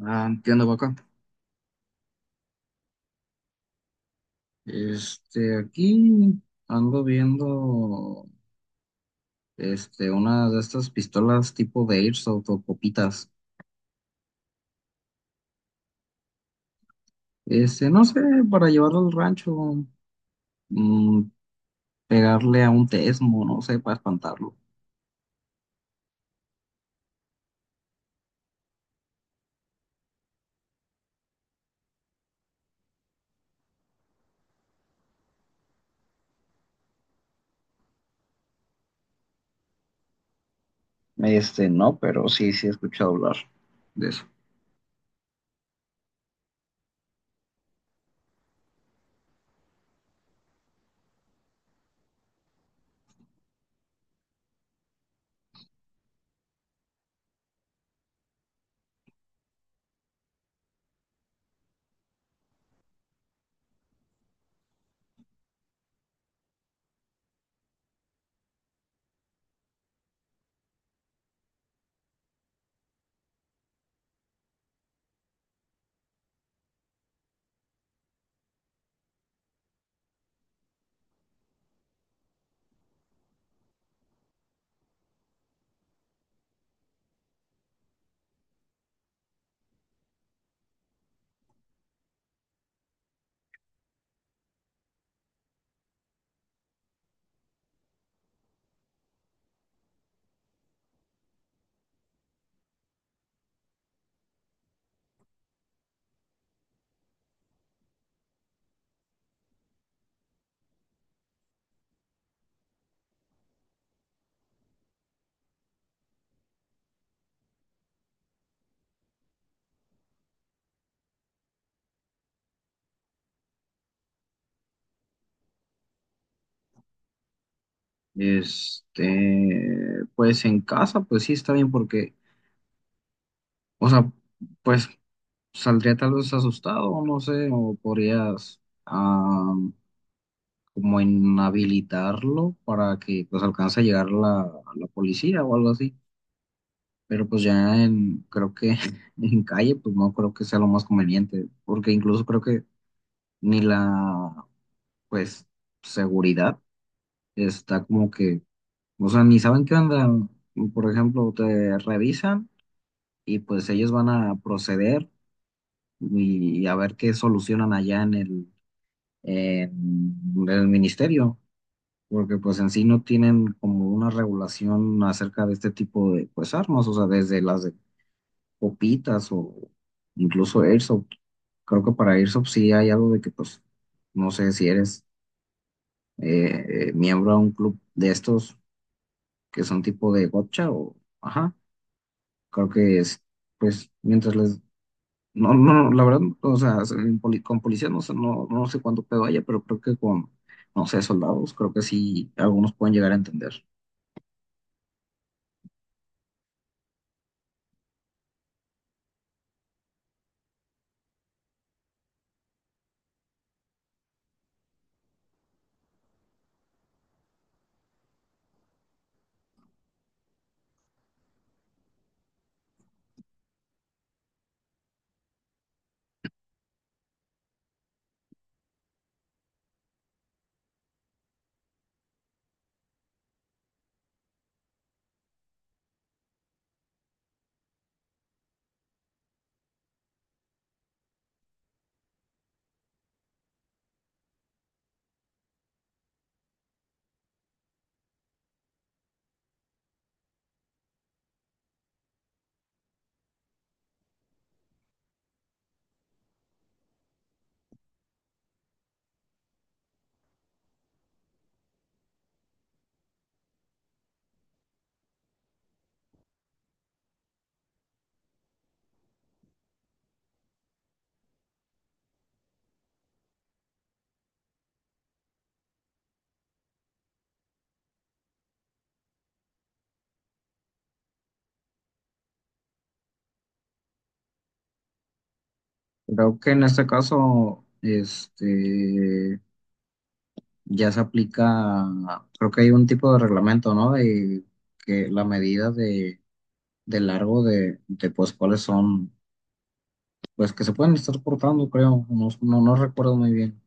Ah, entiendo, Paco. Aquí ando viendo una de estas pistolas tipo de Airsoft o copitas. No sé, para llevarlo al rancho, mm, pegarle a un tesmo, no sé, para espantarlo. No, pero sí, sí he escuchado hablar de eso. Pues en casa, pues sí está bien porque, o sea, pues saldría tal vez asustado, no sé, o podrías. ah, Como inhabilitarlo para que pues alcance a llegar la policía o algo así. Pero pues creo que en calle, pues no creo que sea lo más conveniente, porque incluso creo que ni pues, seguridad está como que, o sea, ni saben qué onda. Por ejemplo, te revisan y pues ellos van a proceder y a ver qué solucionan allá en en el ministerio. Porque pues en sí no tienen como una regulación acerca de este tipo de pues armas, o sea, desde las de copitas o incluso Airsoft. Creo que para Airsoft sí hay algo de que pues no sé si eres miembro de un club de estos que son tipo de gotcha o ajá, creo que es pues mientras les no, no, la verdad, o sea, en con policía no sé, no sé cuánto pedo haya, pero creo que con, no sé, soldados, creo que sí, algunos pueden llegar a entender. Creo que en este caso, ya se aplica, creo que hay un tipo de reglamento, ¿no? De que la medida de largo pues, cuáles son, pues, que se pueden estar cortando, creo, no recuerdo muy bien.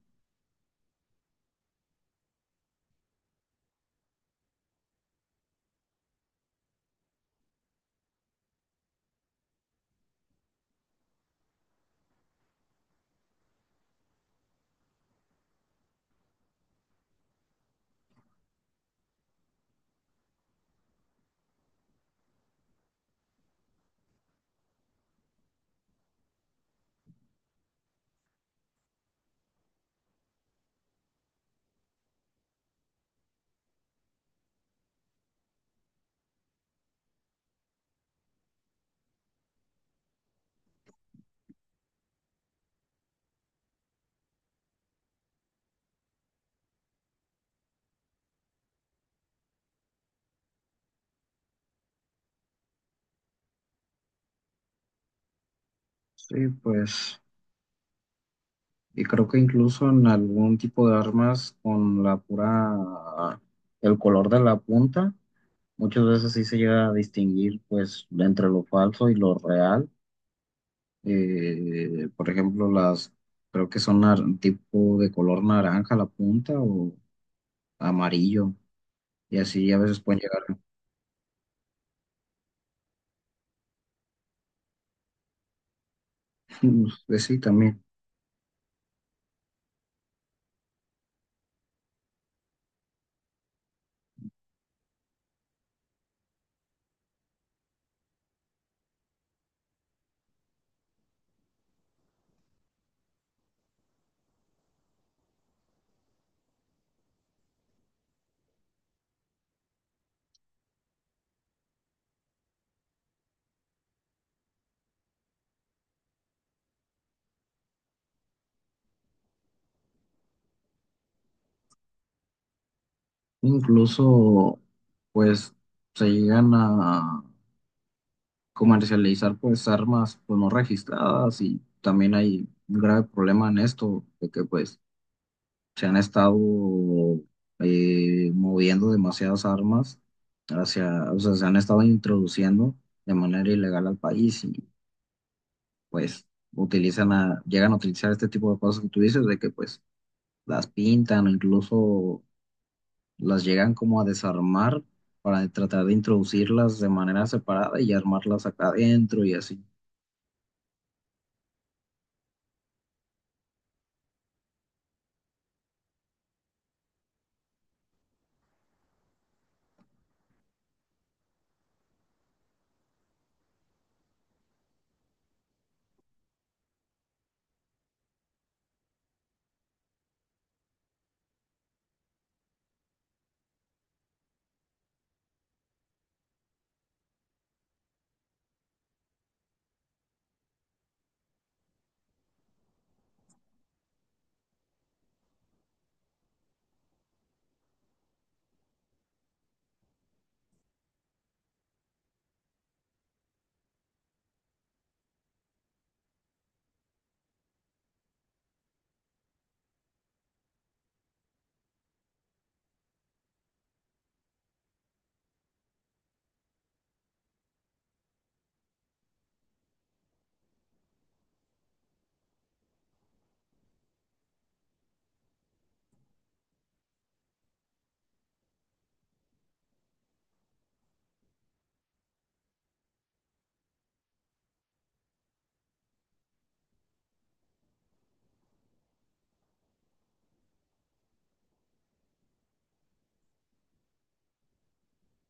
Sí, pues, y creo que incluso en algún tipo de armas con la pura, el color de la punta, muchas veces sí se llega a distinguir, pues, entre lo falso y lo real. Por ejemplo, las creo que son tipo de color naranja la punta o amarillo, y así a veces pueden llegar. Pues sí, también. Incluso, pues se llegan a comercializar pues armas pues no registradas y también hay un grave problema en esto, de que pues se han estado moviendo demasiadas armas hacia, o sea, se han estado introduciendo de manera ilegal al país, pues utilizan a, llegan a utilizar este tipo de cosas que tú dices, de que pues las pintan o incluso las llegan como a desarmar para tratar de introducirlas de manera separada y armarlas acá adentro y así.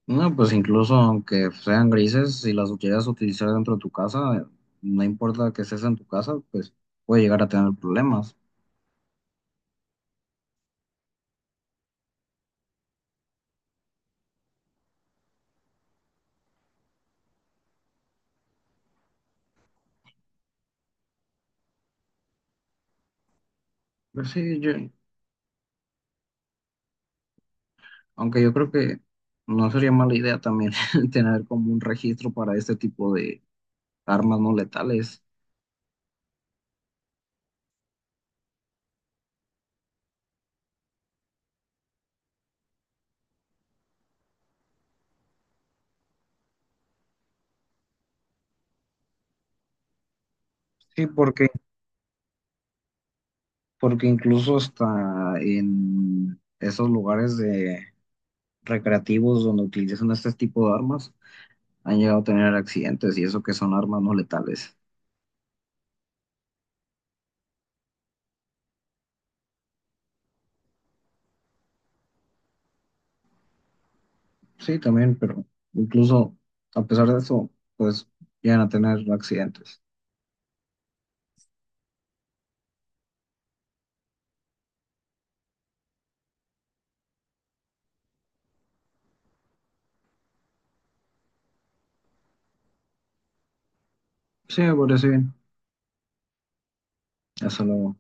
No, pues incluso aunque sean grises, si las llegas a utilizar dentro de tu casa, no importa que estés en tu casa, pues puede llegar a tener problemas. Pero sí, yo, aunque yo creo que no sería mala idea también tener como un registro para este tipo de armas no letales. Sí, porque, porque incluso hasta en esos lugares de recreativos donde utilizan este tipo de armas, han llegado a tener accidentes y eso que son armas no letales. Sí, también, pero incluso a pesar de eso, pues llegan a tener accidentes. Sí, me parece bien. Hasta luego.